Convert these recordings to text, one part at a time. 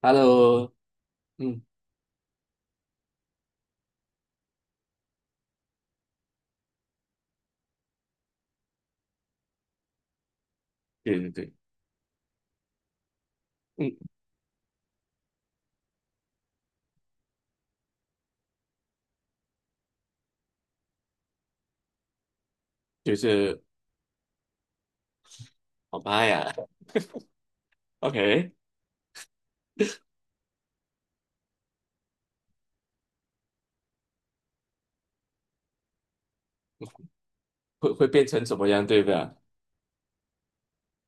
Hello，嗯，对对对，嗯，就是我妈呀，OK，会变成怎么样，对吧？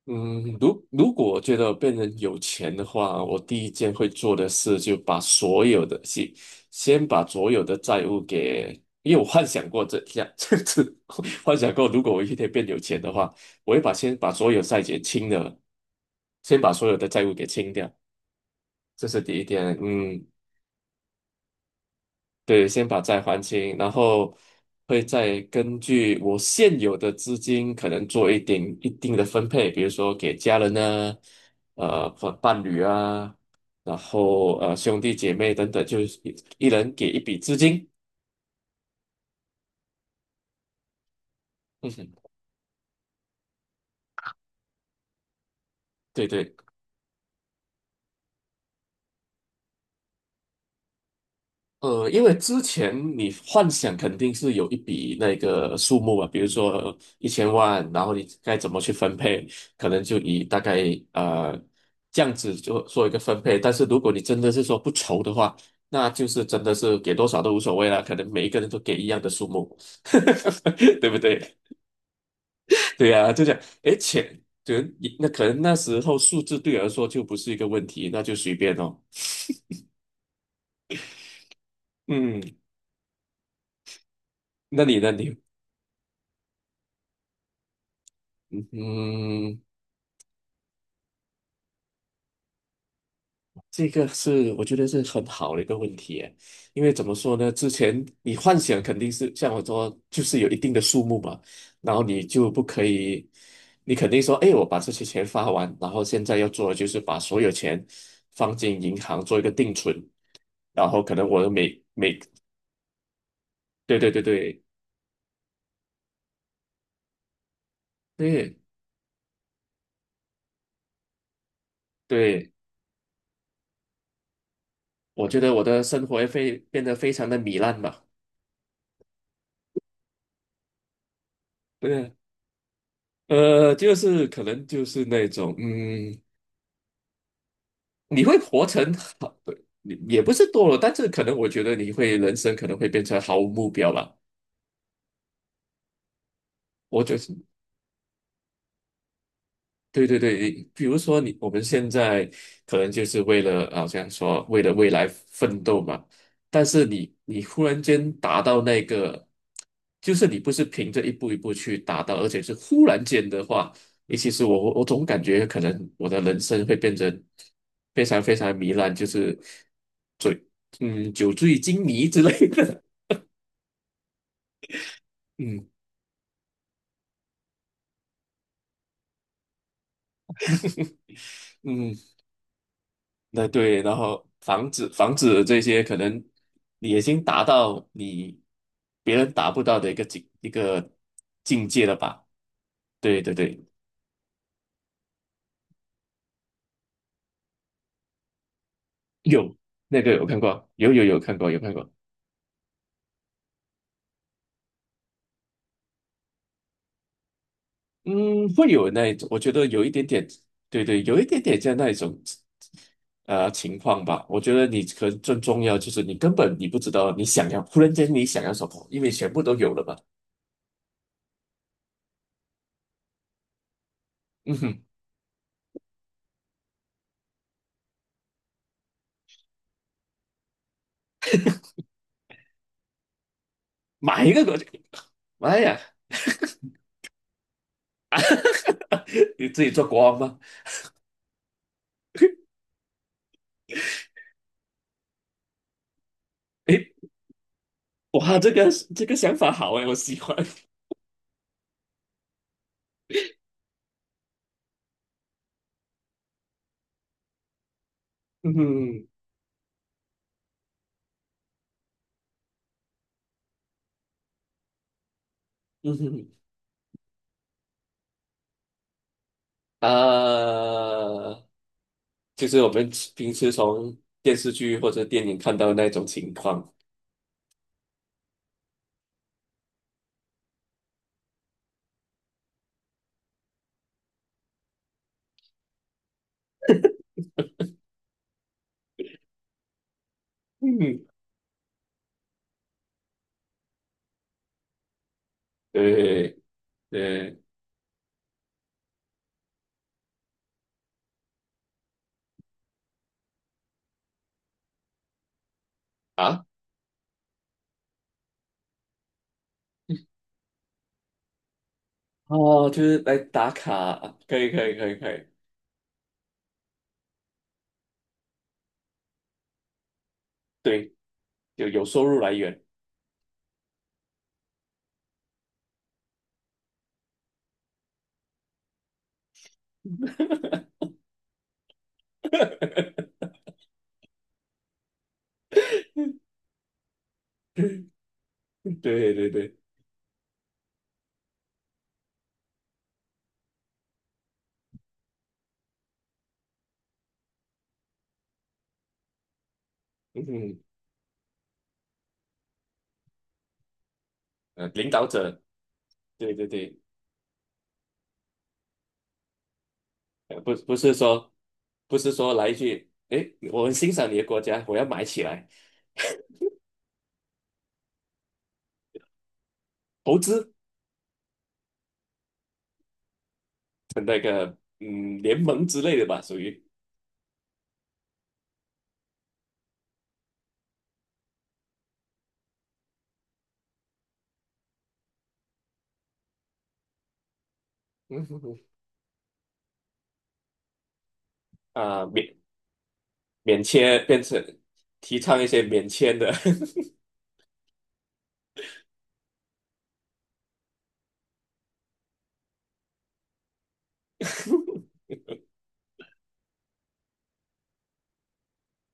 嗯，如果我觉得我变成有钱的话，我第一件会做的事就把所有的先把所有的债务给，因为我幻想过这样 这样子幻想过如果我一天变有钱的话，我会先把所有债给清了，先把所有的债务给清掉，这是第一点，嗯。对，先把债还清，然后会再根据我现有的资金，可能做一点一定的分配，比如说给家人呢，或伴侣啊，然后兄弟姐妹等等，就是一人给一笔资金。嗯哼，对对。因为之前你幻想肯定是有一笔那个数目啊，比如说1000万，然后你该怎么去分配，可能就以大概呃这样子就做一个分配。但是如果你真的是说不愁的话，那就是真的是给多少都无所谓了，可能每一个人都给一样的数目，对不对？对呀、就这样，诶，钱，就那可能那时候数字对我来说就不是一个问题，那就随便哦。嗯，那你呢？嗯。这个是我觉得是很好的一个问题耶，因为怎么说呢？之前你幻想肯定是像我说，就是有一定的数目嘛，然后你就不可以，你肯定说，哎，我把这些钱发完，然后现在要做的就是把所有钱放进银行做一个定存，然后可能我的每，对对对对对对，我觉得我的生活也非变得非常的糜烂嘛，对啊，就是可能就是那种。你会活成好，你也不是堕落，但是可能我觉得人生可能会变成毫无目标吧。我就是对对对，比如说我们现在可能就是好像说为了未来奋斗嘛，但是你忽然间达到那个，就是你不是凭着一步一步去达到，而且是忽然间的话，你其实我总感觉可能我的人生会变成非常非常糜烂，就是醉酒醉金迷之类的。嗯嗯，那对，然后防止这些可能你已经达到别人达不到的一个境界了吧？对对对，有那个有看过，有看过有看过，嗯，会有那一种，我觉得有一点点，对对，有一点点像那一种情况吧。我觉得你可能最重要就是你根本你不知道你想要，忽然间你想要什么，因为全部都有了吧？嗯哼，买一个过去，妈呀！你自己做国王吗？诶，哇，这个想法好诶，我喜欢。嗯哼嗯哼，呃，就是我们平时从电视剧或者电影看到的那种情况。嗯，对对啊，哦，就是来打卡，可以可以可以可以，对，有收入来源。对对对，嗯哼，领导者，对对对。呃不不是说不是说来一句，诶，我很欣赏你的国家，我要买起来投资的那个联盟之类的吧，属于嗯哼哼，啊、免签变成提倡一些免签的，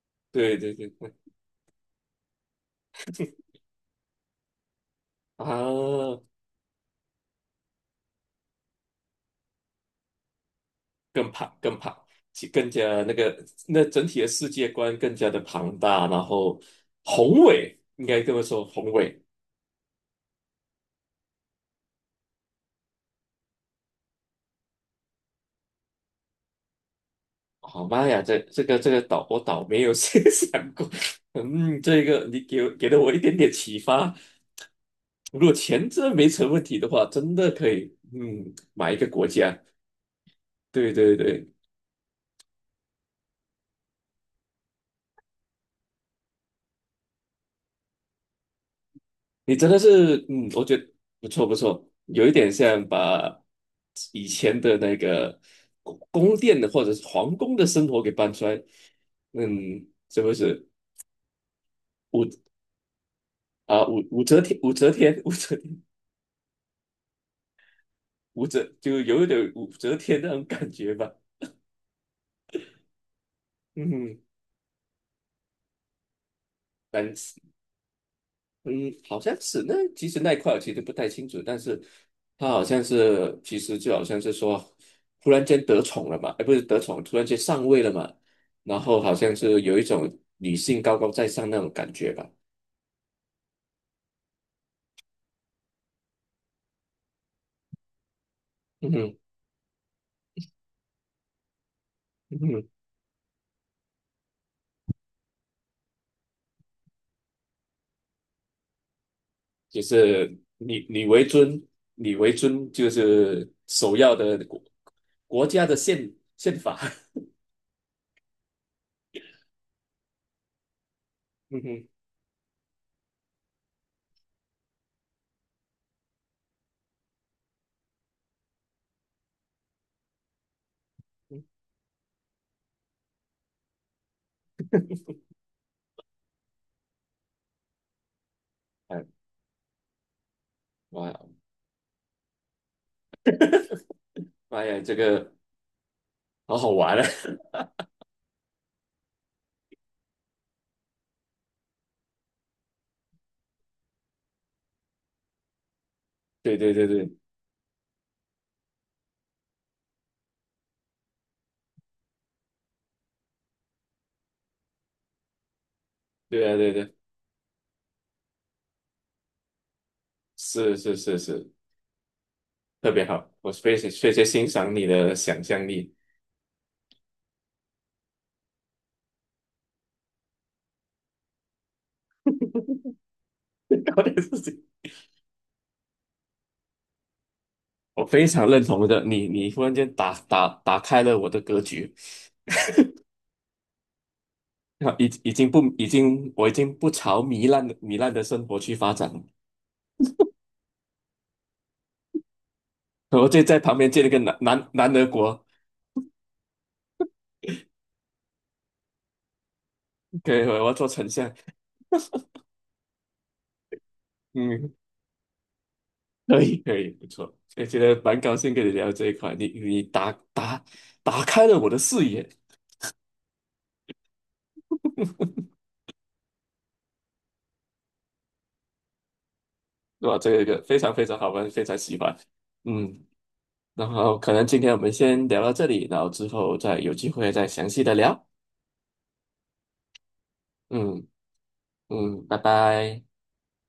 对对对对啊，更庞更庞，其更加那整体的世界观更加的庞大，然后宏伟，应该这么说宏伟，好妈呀，这个倒我倒没有想过，嗯，这个你给了我一点点启发。如果钱真的没成问题的话，真的可以，买一个国家。对对对，你真的是，我觉得不错不错，有一点像把以前的那个宫殿的或者是皇宫的生活给搬出来，是不是？武啊武武则天，武则天，武则武则就有一点武则天那种感觉吧。嗯但是，嗯，好像是其实那一块我其实不太清楚，但是他好像是其实就好像是说，突然间得宠了嘛，哎，不是得宠，突然间上位了嘛，然后好像是有一种女性高高在上那种感觉吧，嗯哼嗯哼就是你为尊，你为尊就是首要的国家的宪法。嗯哼，嗯哎，哇，妈呀，这个。好好玩啊！对对对对对啊对对，是是是是，特别好，我非常非常欣赏你的想象力，搞点事情，我非常认同的，你忽然间打开了我的格局，啊已已经不已经我已经不朝糜烂的生活去发展了，我就在旁边建了个南德国，可以，我要做丞相，嗯，可以可以，不错，也觉得蛮高兴跟你聊这一块，你打开了我的视野。对吧？这个非常非常好玩，非常喜欢。嗯，然后可能今天我们先聊到这里，然后之后再有机会再详细的聊。嗯嗯，拜拜。